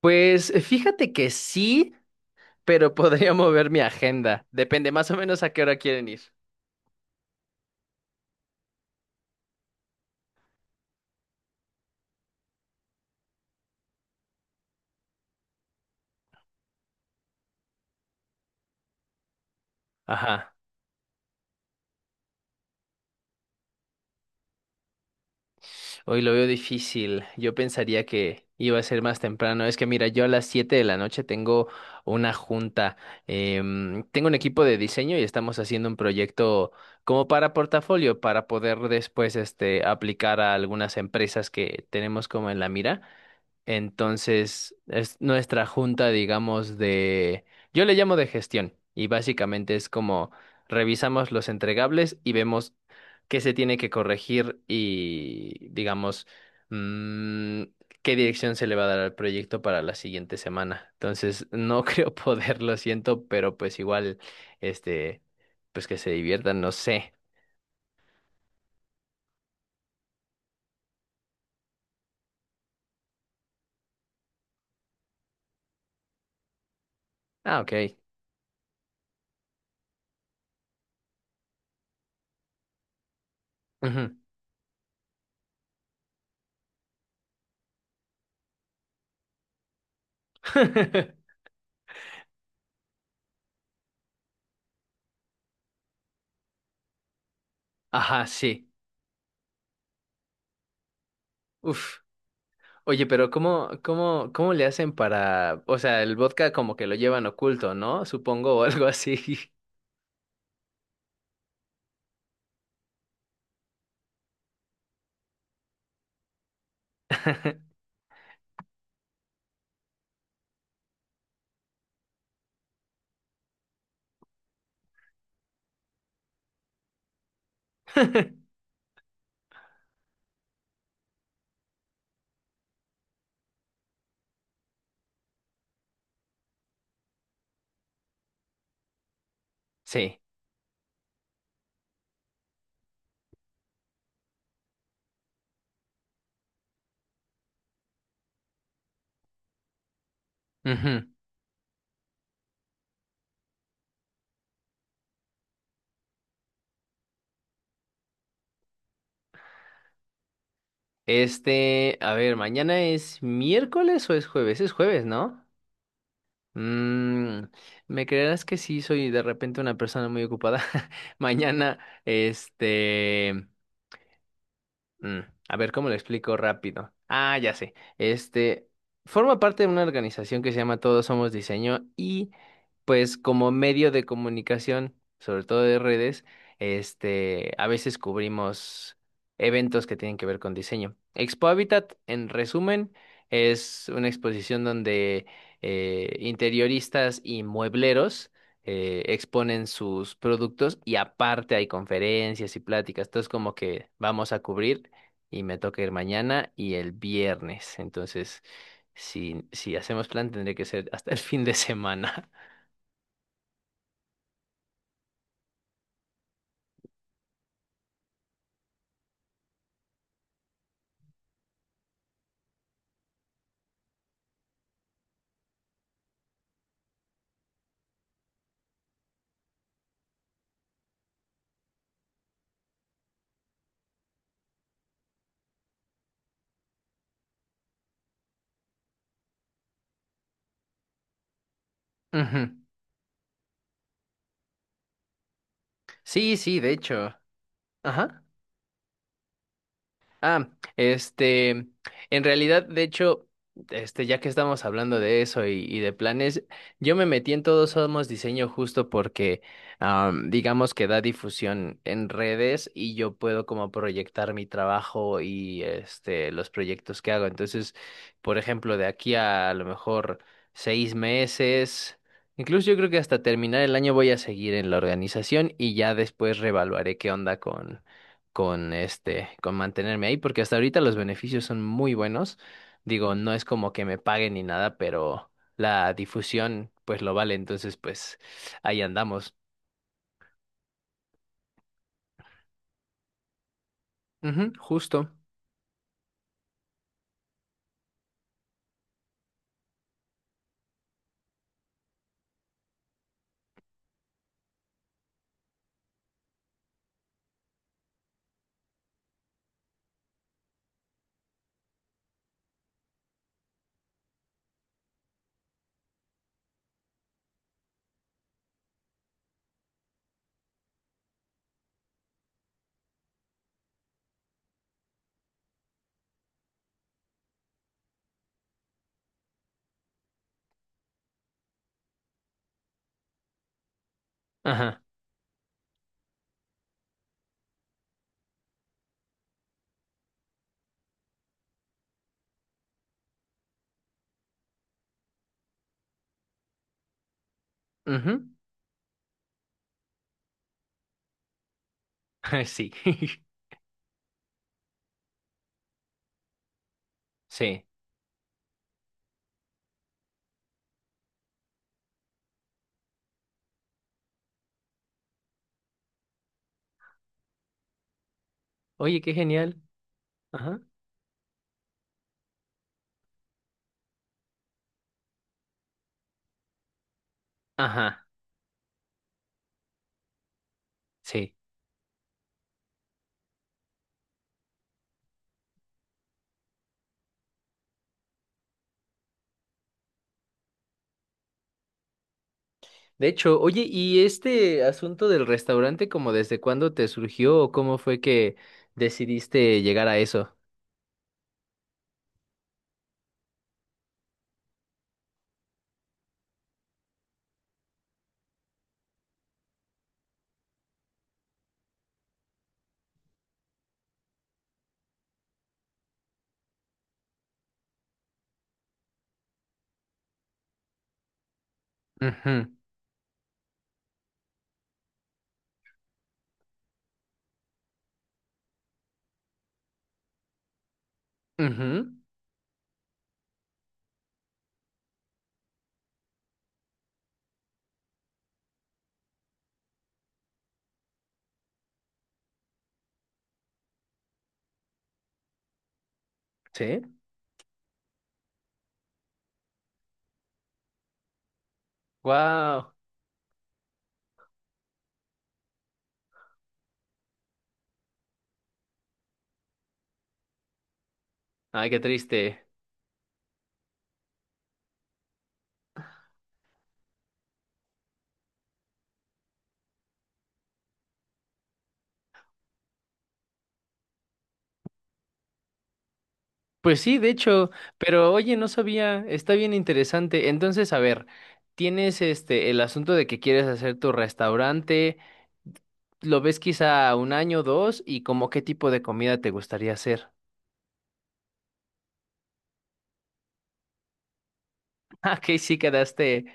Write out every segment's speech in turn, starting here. Pues fíjate que sí, pero podría mover mi agenda. Depende más o menos a qué hora quieren ir. Ajá. Hoy lo veo difícil. Yo pensaría que iba a ser más temprano. Es que mira, yo a las 7 de la noche tengo una junta. Tengo un equipo de diseño y estamos haciendo un proyecto como para portafolio, para poder después este, aplicar a algunas empresas que tenemos como en la mira. Entonces, es nuestra junta, digamos, de... Yo le llamo de gestión y básicamente es como revisamos los entregables y vemos qué se tiene que corregir y, digamos, mm, qué dirección se le va a dar al proyecto para la siguiente semana. Entonces, no creo poder, lo siento, pero pues igual, este, pues que se diviertan, no sé. Ah, ok. Ujú. Ajá, sí. Uf. Oye, pero ¿cómo le hacen para, o sea, el vodka como que lo llevan oculto, ¿no? Supongo, o algo así. Sí. Ujú. Este, a ver, ¿mañana es miércoles o es jueves? Es jueves, ¿no? Mm, Me creerás que sí soy de repente una persona muy ocupada. Mañana, este. Mm, a ver, ¿cómo lo explico rápido? Ah, ya sé. Este forma parte de una organización que se llama Todos Somos Diseño y pues como medio de comunicación, sobre todo de redes, este, a veces cubrimos eventos que tienen que ver con diseño. Expo Habitat, en resumen, es una exposición donde interioristas y muebleros exponen sus productos y aparte hay conferencias y pláticas. Entonces como que vamos a cubrir y me toca ir mañana y el viernes. Entonces, si hacemos plan, tendría que ser hasta el fin de semana. Ujú. Sí, sí, de hecho. Ajá. Ah, este, en realidad, de hecho, este, ya que estamos hablando de eso y de planes, yo me metí en Todos Somos Diseño justo porque, am, digamos que da difusión en redes y yo puedo como proyectar mi trabajo y este, los proyectos que hago. Entonces, por ejemplo, de aquí a lo mejor 6 meses, incluso yo creo que hasta terminar el año voy a seguir en la organización y ya después reevaluaré qué onda con este, con mantenerme ahí, porque hasta ahorita los beneficios son muy buenos. Digo, no es como que me paguen ni nada, pero la difusión pues lo vale, entonces pues ahí andamos. Ujú, justo. Ajá. Ujú. Sí. Sí. Oye, qué genial. Ajá. Ajá. Sí. De hecho, oye, ¿y este asunto del restaurante, como desde cuándo te surgió o cómo fue que decidiste llegar a eso? Ujú, ujú, sí. Wow. Ay, qué triste. Pues sí, de hecho, pero oye, no sabía, está bien interesante. Entonces, a ver, tienes este el asunto de que quieres hacer tu restaurante, lo ves quizá un año, dos, y como qué tipo de comida te gustaría hacer. Ah, que sí quedaste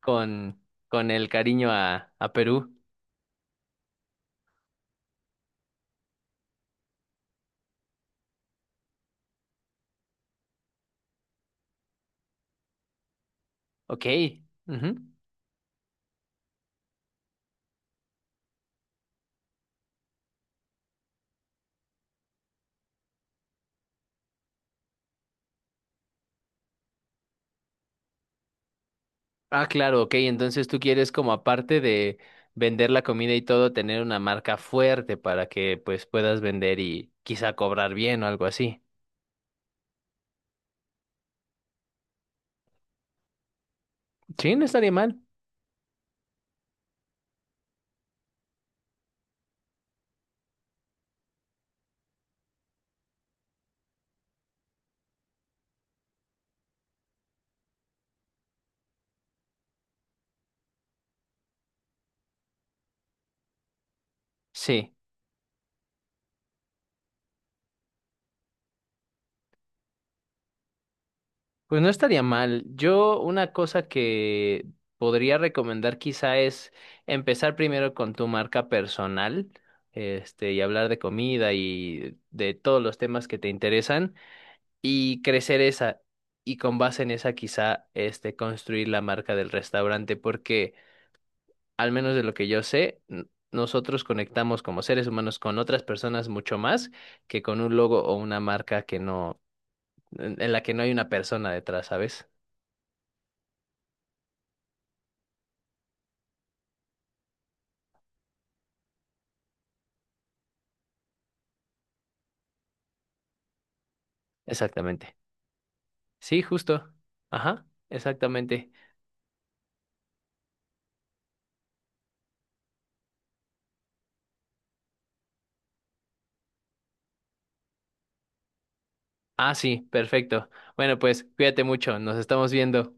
con, con el cariño a Perú. Ok. Ujú. Ah, claro, ok. Entonces tú quieres como aparte de vender la comida y todo, tener una marca fuerte para que pues puedas vender y quizá cobrar bien o algo así. Sí, no estaría mal. Sí, pues no estaría mal. Yo una cosa que podría recomendar quizá es empezar primero con tu marca personal, este, y hablar de comida y de todos los temas que te interesan. Y crecer esa y con base en esa quizá este construir la marca del restaurante porque al menos de lo que yo sé nosotros conectamos como seres humanos con otras personas mucho más que con un logo o una marca que no en la que no hay una persona detrás, ¿sabes? Exactamente. Sí, justo. Ajá, exactamente. Ah, sí, perfecto. Bueno, pues cuídate mucho, nos estamos viendo.